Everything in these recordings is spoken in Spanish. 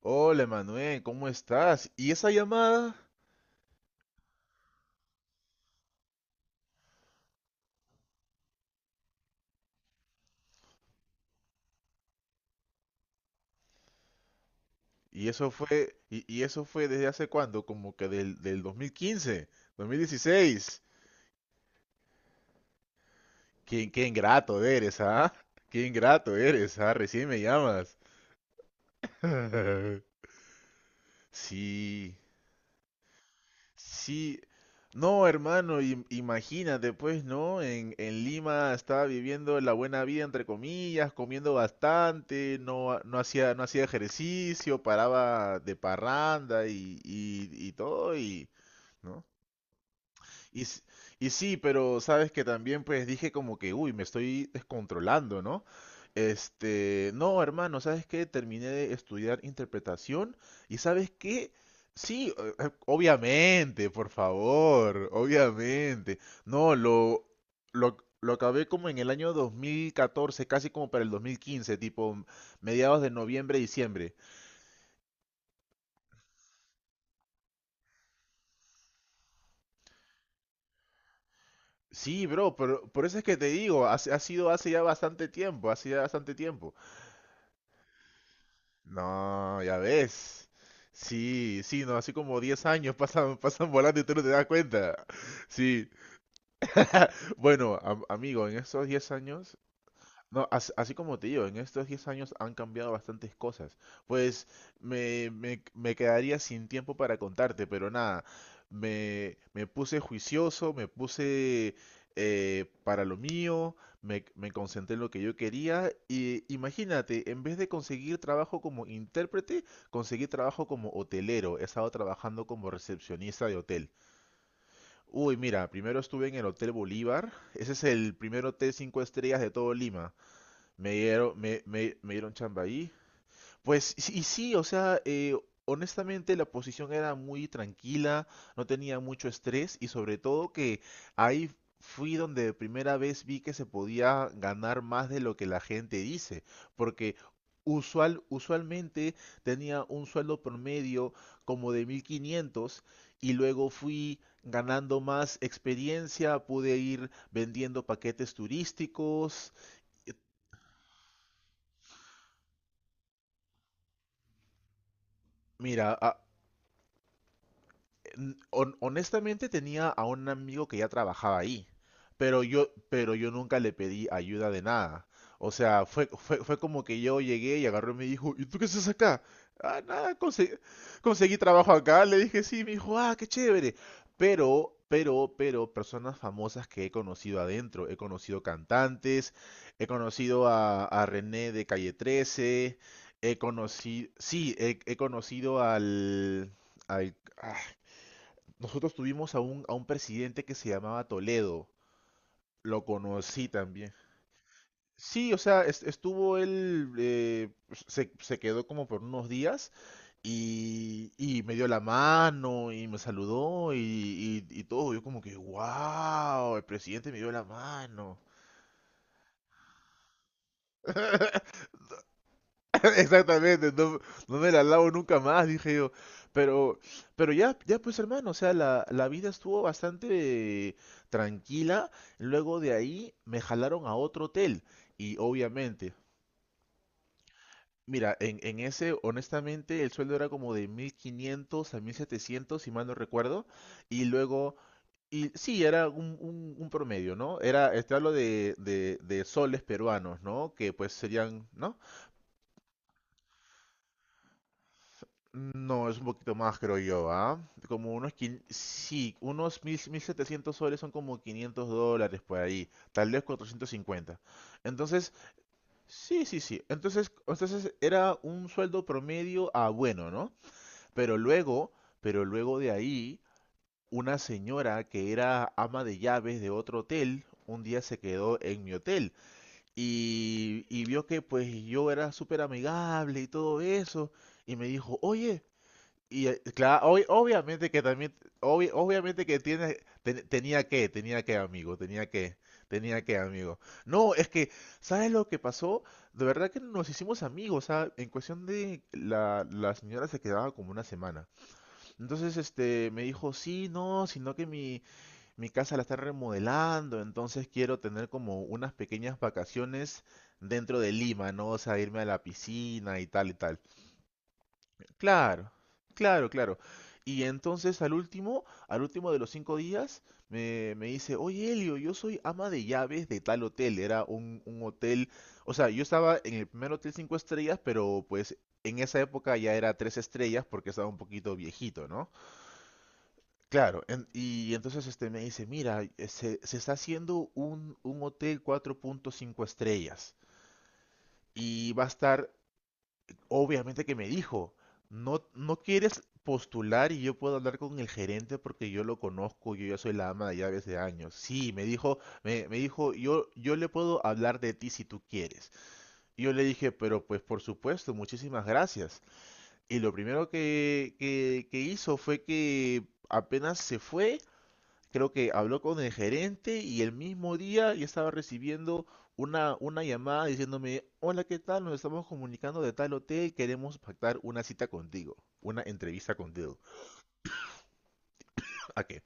Hola, Manuel, ¿cómo estás? ¿Y esa llamada? ¿Y eso fue, y eso fue desde hace cuándo? Como que del 2015, 2016. Qué ingrato eres, ¿ah? Qué ingrato eres, ¿ah? Recién me llamas. Sí. Sí, no, hermano, imagínate, pues, ¿no? En Lima estaba viviendo la buena vida, entre comillas, comiendo bastante, no, no hacía, no hacía ejercicio, paraba de parranda y todo, y, ¿no? Y, s- y sí, pero sabes que también pues dije como que, uy, me estoy descontrolando, ¿no? Este, no, hermano, ¿sabes qué? Terminé de estudiar interpretación y ¿sabes qué? Sí, obviamente, por favor, obviamente. No, lo acabé como en el año 2014 casi como para el 2015 tipo mediados de noviembre, diciembre. Sí, bro, pero por eso es que te digo, ha sido hace ya bastante tiempo, hace ya bastante tiempo. No, ya ves. Sí, sí, no, así como 10 años pasan, pasan volando y tú no te das cuenta. Sí, bueno, amigo, en esos 10 años no, así como te digo, en estos 10 años han cambiado bastantes cosas. Pues me quedaría sin tiempo para contarte, pero nada, me puse juicioso, me puse para lo mío, me concentré en lo que yo quería y imagínate, en vez de conseguir trabajo como intérprete, conseguí trabajo como hotelero. He estado trabajando como recepcionista de hotel. Uy, mira, primero estuve en el Hotel Bolívar, ese es el primer hotel 5 estrellas de todo Lima. Me dieron, me dieron chamba ahí. Pues, y sí, o sea, honestamente la posición era muy tranquila, no tenía mucho estrés y sobre todo que ahí fui donde de primera vez vi que se podía ganar más de lo que la gente dice, porque usualmente tenía un sueldo promedio como de 1500 y luego fui ganando más experiencia, pude ir vendiendo paquetes turísticos. Mira, honestamente tenía a un amigo que ya trabajaba ahí, pero yo nunca le pedí ayuda de nada. O sea, fue como que yo llegué y agarró y me dijo, ¿y tú qué haces acá? Ah, nada, conseguí trabajo acá. Le dije, sí, me dijo, ah, qué chévere. Pero, personas famosas que he conocido adentro. He conocido cantantes, he conocido a René de Calle trece, he conocido, sí, he conocido al, ah, nosotros tuvimos a un presidente que se llamaba Toledo. Lo conocí también. Sí, o sea, estuvo él, pues, se quedó como por unos días y me dio la mano y me saludó y todo. Yo como que, wow, el presidente me dio la mano. Exactamente, no, no me la lavo nunca más, dije yo. Pero, pero ya, pues hermano, o sea, la vida estuvo bastante tranquila. Luego de ahí me jalaron a otro hotel. Y obviamente, mira, en ese, honestamente, el sueldo era como de 1500 a 1700 si mal no recuerdo. Y luego, y sí, era un, un promedio, ¿no? Era, te hablo de soles peruanos, ¿no? Que pues serían, ¿no? No, es un poquito más, creo yo, ¿ah? Como unos, sí, unos mil, 1700 soles son como 500 dólares por ahí, tal vez 450. Entonces, sí, sí, sí. Entonces, entonces era un sueldo promedio a bueno, ¿no? Pero luego, pero luego de ahí, una señora que era ama de llaves de otro hotel, un día se quedó en mi hotel y vio que pues yo era súper amigable y todo eso, y me dijo, oye, y claro, obviamente que también, obviamente que tiene, tenía que, amigo, tenía que, amigo. No, es que, ¿sabes lo que pasó? De verdad que nos hicimos amigos, ¿sabes? En cuestión de la, la señora se quedaba como una semana. Entonces, este, me dijo, sí, no, sino que mi casa la está remodelando, entonces quiero tener como unas pequeñas vacaciones dentro de Lima, ¿no? O sea, irme a la piscina y tal y tal. Claro, claro, claro. Y entonces al último de los cinco días, me dice, oye Elio, yo soy ama de llaves de tal hotel. Era un hotel, o sea, yo estaba en el primer hotel cinco estrellas, pero pues en esa época ya era tres estrellas porque estaba un poquito viejito, ¿no? Claro, y entonces este me dice, mira, se está haciendo un hotel cuatro punto cinco estrellas y va a estar... Obviamente que me dijo, no, no quieres postular y yo puedo hablar con el gerente porque yo lo conozco, yo ya soy la ama de llaves de años. Sí, me dijo, me dijo, yo le puedo hablar de ti si tú quieres. Y yo le dije, pero pues por supuesto, muchísimas gracias. Y lo primero que hizo fue que apenas se fue, creo que habló con el gerente y el mismo día yo estaba recibiendo una llamada diciéndome, hola, ¿qué tal? Nos estamos comunicando de tal hotel, queremos pactar una cita contigo, una entrevista contigo. ¿A qué?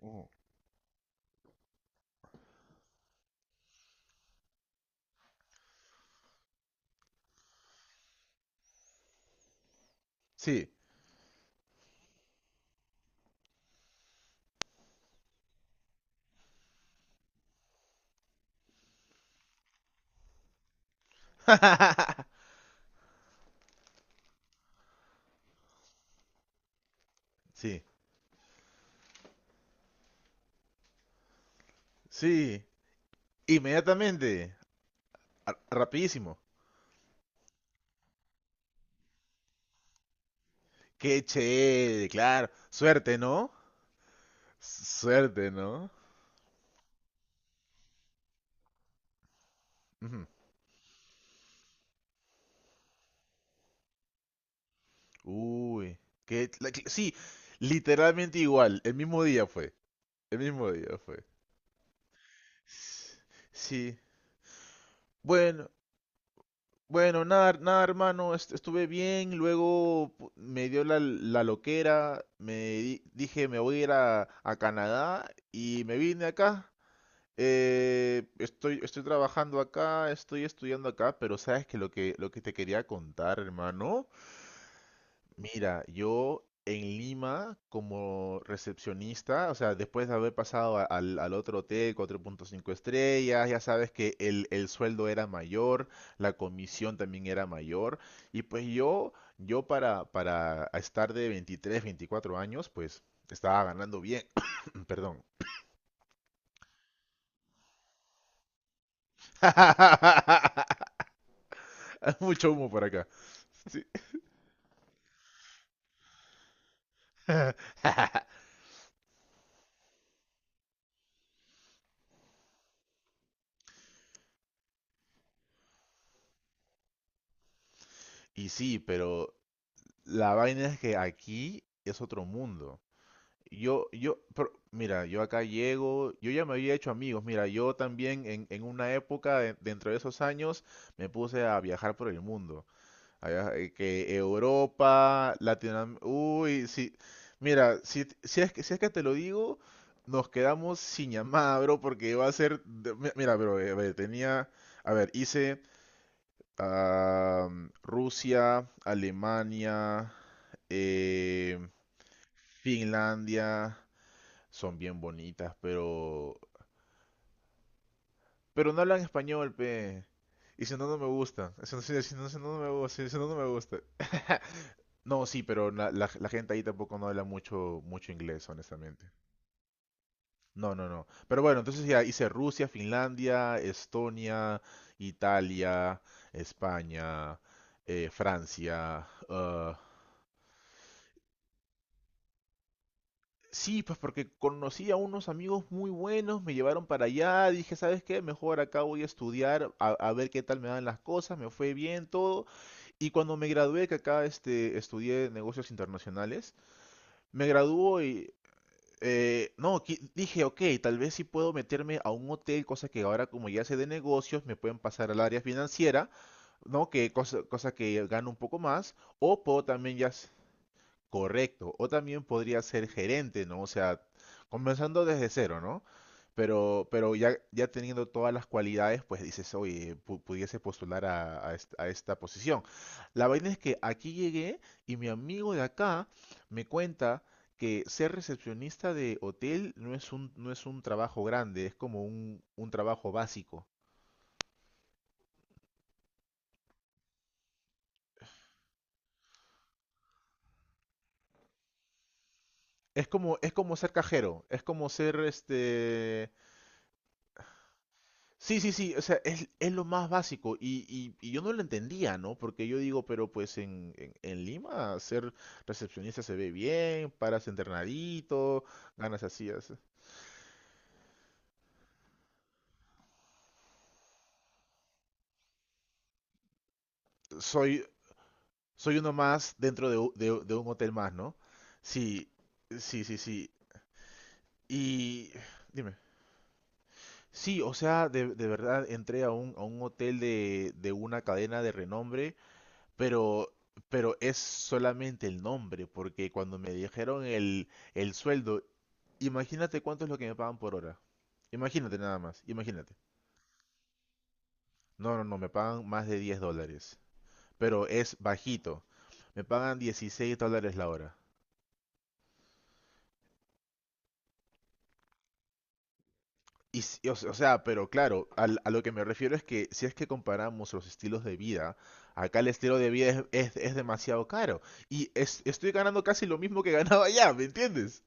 Ujú. Sí, sí, sí, inmediatamente, rapidísimo. Qué chévere, claro, suerte, ¿no? Suerte, ¿no? Ujú. Uy, qué, sí, literalmente igual, el mismo día fue, el mismo día fue. Sí. Bueno, bueno, nada, nada, hermano, estuve bien, luego me dio la, la loquera, dije me voy a ir a Canadá y me vine acá. Estoy, estoy trabajando acá, estoy estudiando acá, pero sabes que lo que, lo que te quería contar, hermano... Mira, yo en Lima como recepcionista, o sea, después de haber pasado al otro hotel, 4.5 estrellas, ya sabes que el sueldo era mayor, la comisión también era mayor, y pues yo para estar de 23, 24 años, pues estaba ganando bien. Perdón. Mucho humo por acá. Y sí, pero la vaina es que aquí es otro mundo. Yo, pero, mira, yo acá llego, yo ya me había hecho amigos, mira, yo también en una época, dentro de esos años, me puse a viajar por el mundo, que Europa, Latinoamérica, uy, sí, mira, si es que, si es que te lo digo, nos quedamos sin llamada, bro, porque va a ser, mira, bro, a ver, tenía, a ver, hice ah, Rusia, Alemania, eh, Finlandia. Son bien bonitas, pero... Pero no hablan español, pe. Y si no, no me gusta. Eso no, si no, si no, no me gusta. Si no, no me gusta. No, sí, pero la, la gente ahí tampoco no habla mucho, mucho inglés, honestamente. No, no, no. Pero bueno, entonces ya hice Rusia, Finlandia, Estonia, Italia, España, Francia, ah... Sí, pues porque conocí a unos amigos muy buenos, me llevaron para allá, dije, ¿sabes qué? Mejor acá voy a estudiar, a ver qué tal me dan las cosas, me fue bien todo. Y cuando me gradué, que acá este, estudié negocios internacionales, me graduó y, no, dije, ok, tal vez sí puedo meterme a un hotel, cosa que ahora como ya sé de negocios, me pueden pasar al área financiera, ¿no? Que cosa, cosa que gano un poco más, o puedo también ya... Correcto. O también podría ser gerente, ¿no? O sea, comenzando desde cero, ¿no? Pero, pero ya, teniendo todas las cualidades, pues dices, oye, pudiese postular a, a esta posición. La vaina es que aquí llegué y mi amigo de acá me cuenta que ser recepcionista de hotel no es un, no es un trabajo grande, es como un trabajo básico. Es como ser cajero, es como ser este... Sí, sí, sí, o sea, es lo más básico y yo no lo entendía, ¿no? Porque yo digo, pero pues en Lima ser recepcionista se ve bien, paras entrenadito, ganas así, así. Soy, soy uno más dentro de, de un hotel más, ¿no? Sí, sí, sí, sí. Y dime, sí, o sea, de verdad entré a un hotel de una cadena de renombre. Pero, pero es solamente el nombre, porque cuando me dijeron el sueldo, imagínate cuánto es lo que me pagan por hora. Imagínate nada más, imagínate. No, no, no, me pagan más de 10 dólares, pero es bajito. Me pagan 16 dólares la hora. Y, o sea, pero claro, a lo que me refiero es que si es que comparamos los estilos de vida, acá el estilo de vida es, es demasiado caro. Y estoy ganando casi lo mismo que ganaba allá, ¿me entiendes?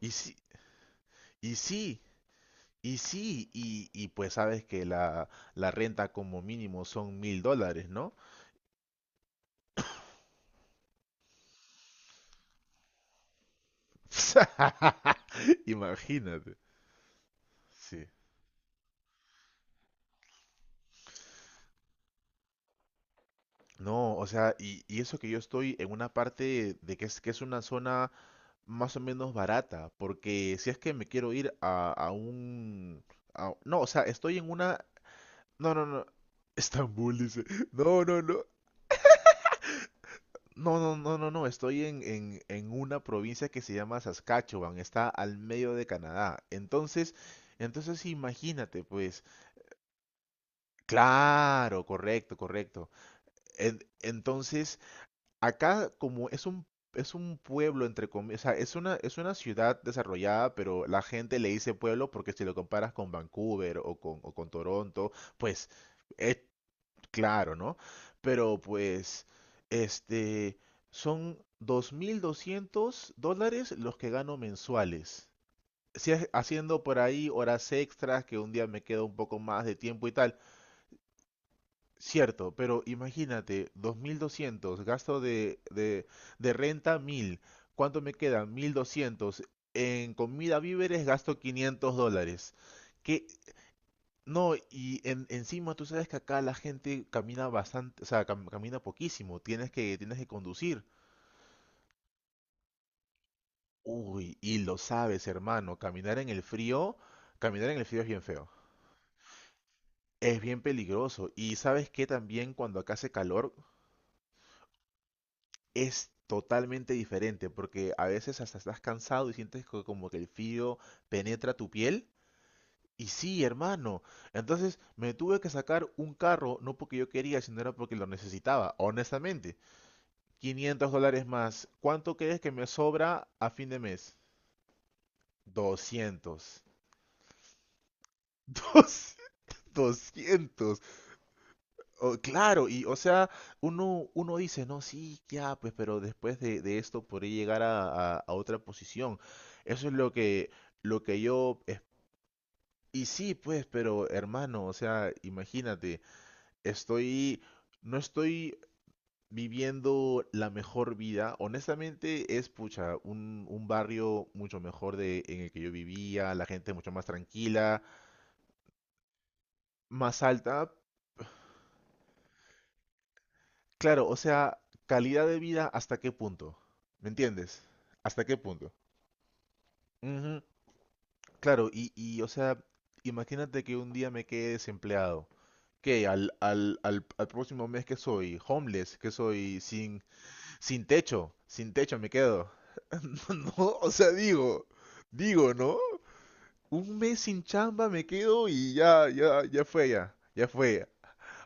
Y sí, y sí, y sí, y pues sabes que la renta como mínimo son $1000, ¿no? Imagínate. Sí. No, o sea, y eso que yo estoy en una parte de que es, una zona más o menos barata, porque si es que me quiero ir a un... No, o sea, estoy en una... No, no, no. Estambul, dice. No, no, no. No, no, no, no, no. Estoy en una provincia que se llama Saskatchewan. Está al medio de Canadá. Entonces, imagínate, pues. Claro, correcto, correcto. Entonces, acá como es un pueblo entre comillas, o sea, es una ciudad desarrollada, pero la gente le dice pueblo porque si lo comparas con Vancouver o con Toronto, pues eh, claro, ¿no? Pero pues, este, son $2200 los que gano mensuales. Si haciendo por ahí horas extras, que un día me queda un poco más de tiempo y tal. Cierto, pero imagínate, 2200, gasto de renta 1000. ¿Cuánto me queda? 1200. En comida, víveres, gasto $500. ¿Qué? No, y encima tú sabes que acá la gente camina bastante, o sea, camina poquísimo, tienes que conducir. Uy, y lo sabes, hermano, caminar en el frío, caminar en el frío es bien feo. Es bien peligroso. Y sabes que también cuando acá hace calor es totalmente diferente, porque a veces hasta estás cansado y sientes como que el frío penetra tu piel. Y sí, hermano. Entonces me tuve que sacar un carro, no porque yo quería, sino era porque lo necesitaba, honestamente. $500 más. ¿Cuánto crees que me sobra a fin de mes? 200. Dos- 200. Oh, claro, y o sea, uno dice, no, sí, ya, pues, pero después de esto podría llegar a, a otra posición. Eso es lo que, yo... Y sí, pues, pero hermano, o sea, imagínate, estoy, no estoy viviendo la mejor vida. Honestamente, es pucha, un barrio mucho mejor de, en el que yo vivía, la gente mucho más tranquila, más alta. Claro, o sea, calidad de vida hasta qué punto, ¿me entiendes? ¿Hasta qué punto? Ujú. Claro, y, o sea, imagínate que un día me quede desempleado, que al próximo mes que soy homeless, que soy sin... Sin techo, sin techo me quedo. No, o sea, digo, ¿no? Un mes sin chamba me quedo y ya, ya, ya fue, ya ya fue.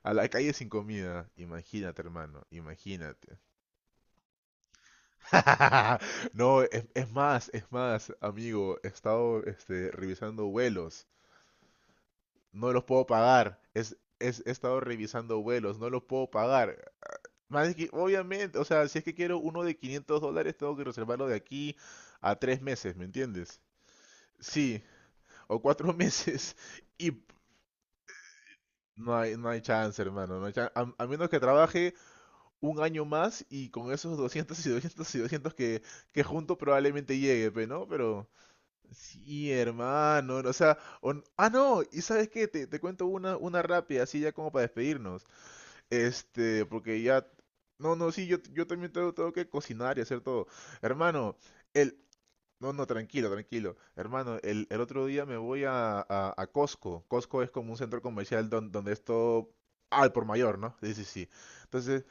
A la calle sin comida. Imagínate, hermano, imagínate. No, es más, amigo, he estado revisando vuelos. No los puedo pagar. Es- he estado revisando vuelos, no los puedo pagar. Más es que, obviamente, o sea, si es que quiero uno de $500, tengo que reservarlo de aquí a 3 meses, ¿me entiendes? Sí, o 4 meses y no hay, chance, hermano. No hay a menos que trabaje un año más y con esos 200 y 200 y 200 que junto probablemente llegue, pe, ¿no? Pero sí, hermano. O sea, no, y sabes qué, te cuento una rápida, así ya como para despedirnos. Porque ya... No, no, sí, yo, también tengo que cocinar y hacer todo. Hermano, el... No, no, tranquilo, tranquilo. Hermano, el otro día me voy a Costco. Costco es como un centro comercial donde esto... al por mayor, ¿no? Sí, sí, sí. Entonces,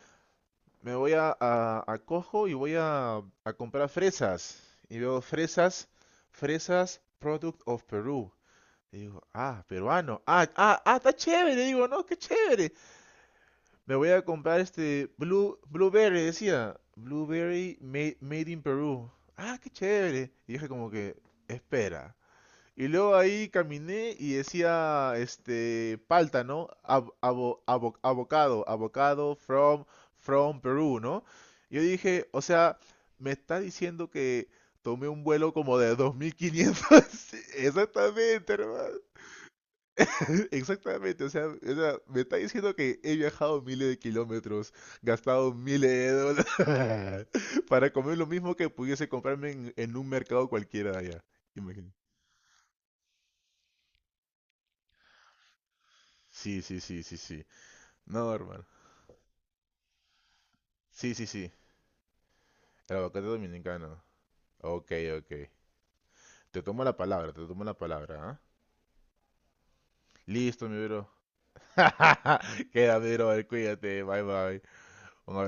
me voy a, Costco y voy a comprar fresas. Y veo fresas, fresas, product of Peru. Y digo, ah, peruano. Ah, ah, ah, está chévere. Digo, no, qué chévere. Le voy a comprar este Blueberry, decía. Blueberry made in Peru. Ah, qué chévere. Y dije como que, espera. Y luego ahí caminé y decía, palta, ¿no? Avocado, from Perú, ¿no? Yo dije, o sea, me está diciendo que tomé un vuelo como de 2.500. Exactamente, hermano. Exactamente, o sea, me está diciendo que he viajado miles de kilómetros, gastado miles de dólares para comer lo mismo que pudiese comprarme en un mercado cualquiera de allá. Imagínate. Sí, sí, sí, sí, sí. No, hermano. Sí, sí, sí. El aguacate dominicano. Ok, ok. Te tomo la palabra, te tomo la palabra, ¿ah? Listo, mi bro. Queda, mi bro, cuídate, bye bye. Un abrazo.